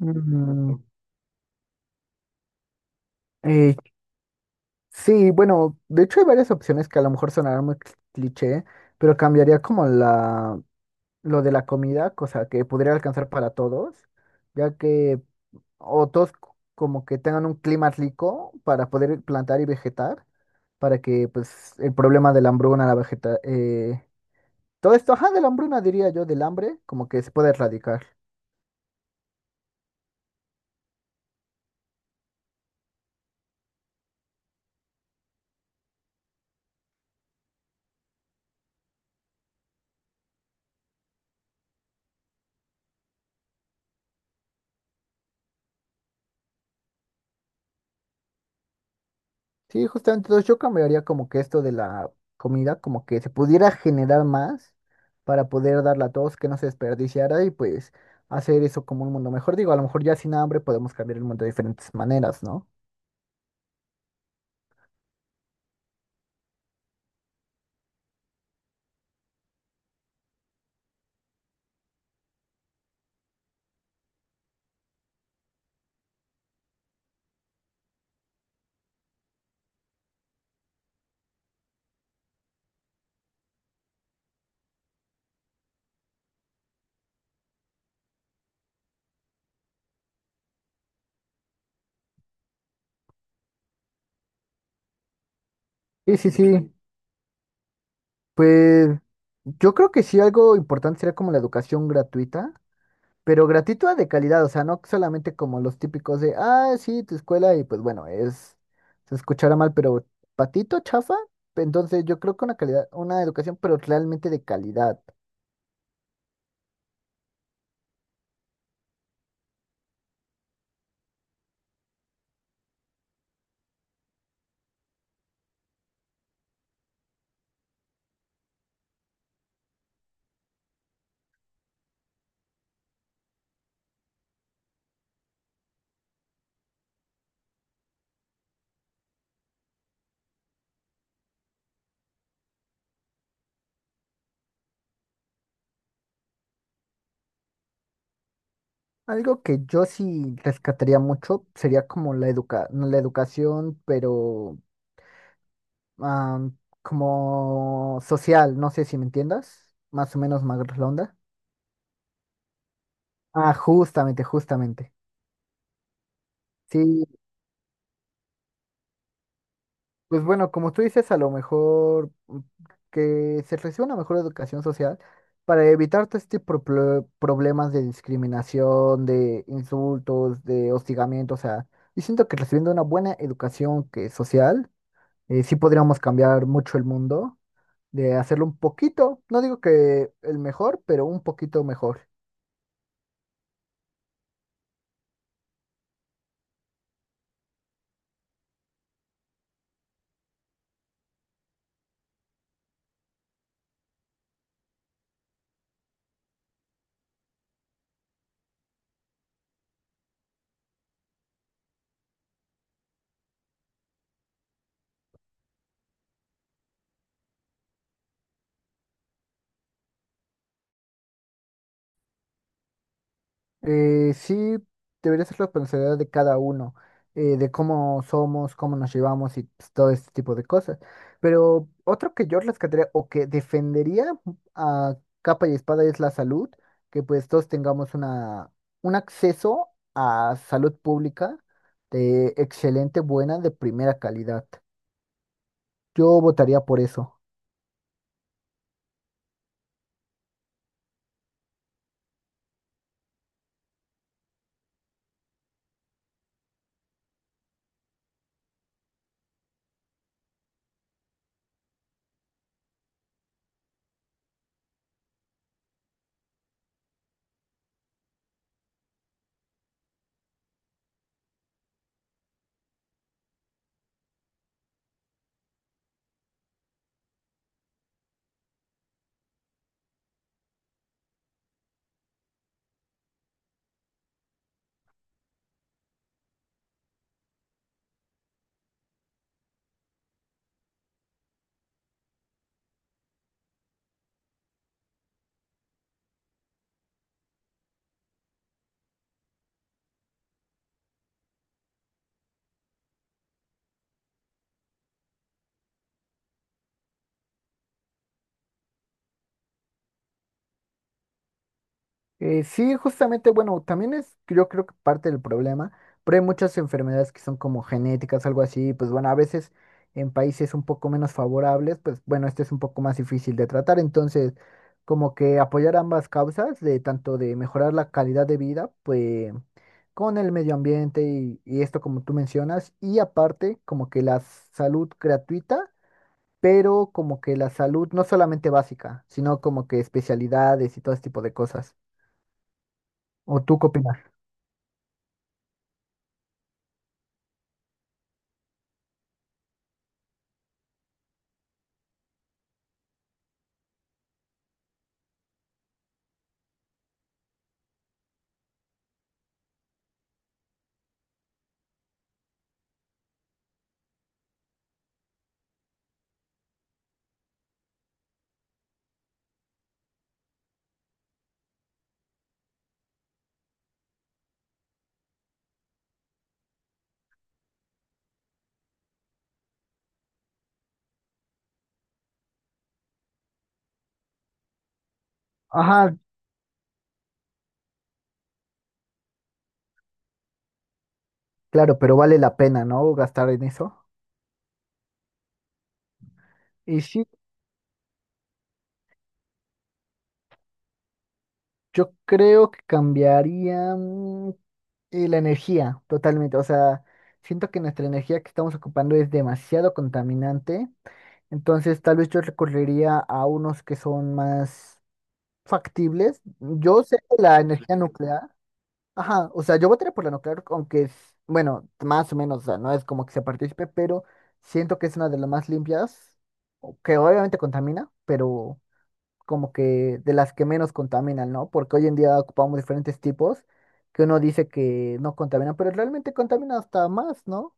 Mm, eh, sí, bueno, de hecho hay varias opciones que a lo mejor sonarán muy cliché, pero cambiaría como lo de la comida, cosa que podría alcanzar para todos, ya que o todos c- como que tengan un clima rico para poder plantar y vegetar, para que pues el problema de la hambruna, todo esto, ajá, de la hambruna diría yo, del hambre, como que se puede erradicar. Sí, justamente, entonces yo cambiaría como que esto de la comida, como que se pudiera generar más para poder darla a todos, que no se desperdiciara y pues hacer eso como un mundo mejor. Digo, a lo mejor ya sin hambre podemos cambiar el mundo de diferentes maneras, ¿no? Sí, sí, sí. Pues yo creo que sí algo importante sería como la educación gratuita. Pero gratuita de calidad, o sea, no solamente como los típicos de, ah, sí, tu escuela, y pues bueno, es, se escuchará mal, pero patito, chafa. Entonces yo creo que una calidad, una educación, pero realmente de calidad. Algo que yo sí rescataría mucho sería como la educa, no, la educación, pero am, como social, no sé si me entiendas, más o menos más redonda. Ah, justamente, justamente. Sí, pues bueno, como tú dices, a lo mejor que se reciba una mejor educación social para evitar todo este problemas de discriminación, de insultos, de hostigamiento, o sea, yo siento que recibiendo una buena educación que social, sí podríamos cambiar mucho el mundo, de hacerlo un poquito, no digo que el mejor, pero un poquito mejor. Sí, debería ser responsabilidad de cada uno, de cómo somos, cómo nos llevamos y pues, todo este tipo de cosas. Pero otro que yo rescataría o que defendería a capa y espada es la salud, que pues todos tengamos un acceso a salud pública de excelente, buena, de primera calidad. Yo votaría por eso. Sí, justamente, bueno, también es, yo creo que parte del problema, pero hay muchas enfermedades que son como genéticas, algo así, pues bueno, a veces en países un poco menos favorables, pues bueno, este es un poco más difícil de tratar, entonces como que apoyar ambas causas, de tanto de mejorar la calidad de vida, pues con el medio ambiente y esto como tú mencionas, y aparte como que la salud gratuita, pero como que la salud no solamente básica, sino como que especialidades y todo este tipo de cosas. ¿O tú qué opinas? Ajá, claro, pero vale la pena, ¿no? Gastar en eso. Y sí, yo creo que cambiaría la energía totalmente. O sea, siento que nuestra energía que estamos ocupando es demasiado contaminante. Entonces, tal vez yo recurriría a unos que son más factibles. Yo sé que la energía nuclear. Ajá, o sea, yo votaré por la nuclear, aunque es, bueno, más o menos, o sea, no es como que se participe, pero siento que es una de las más limpias, o que obviamente contamina, pero como que de las que menos contaminan, ¿no? Porque hoy en día ocupamos diferentes tipos que uno dice que no contaminan, pero realmente contamina hasta más, ¿no?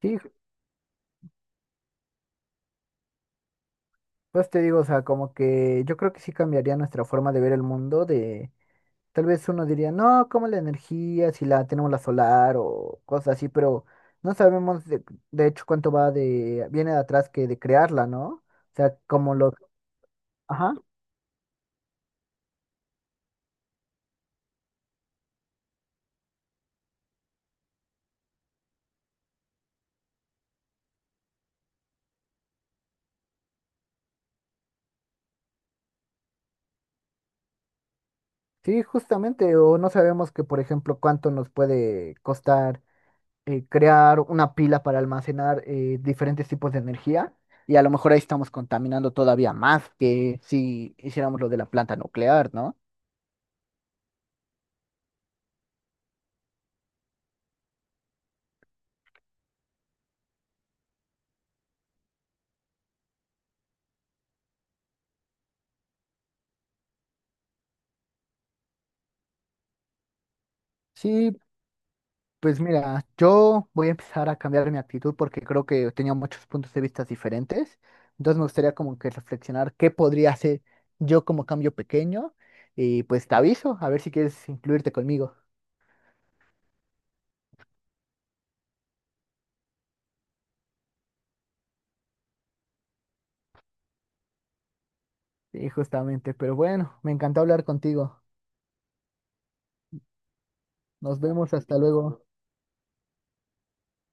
Sí, pues te digo, o sea, como que yo creo que sí cambiaría nuestra forma de ver el mundo, de tal vez uno diría, no, como la energía, si la tenemos la solar o cosas así, pero no sabemos de hecho cuánto viene de atrás que de crearla, ¿no? O sea, como los, ajá, sí, justamente, o no sabemos que, por ejemplo, cuánto nos puede costar crear una pila para almacenar diferentes tipos de energía, y a lo mejor ahí estamos contaminando todavía más que si hiciéramos lo de la planta nuclear, ¿no? Sí, pues mira, yo voy a empezar a cambiar mi actitud porque creo que tenía muchos puntos de vista diferentes. Entonces me gustaría como que reflexionar qué podría hacer yo como cambio pequeño y pues te aviso a ver si quieres incluirte conmigo. Sí, justamente, pero bueno, me encantó hablar contigo. Nos vemos, hasta luego.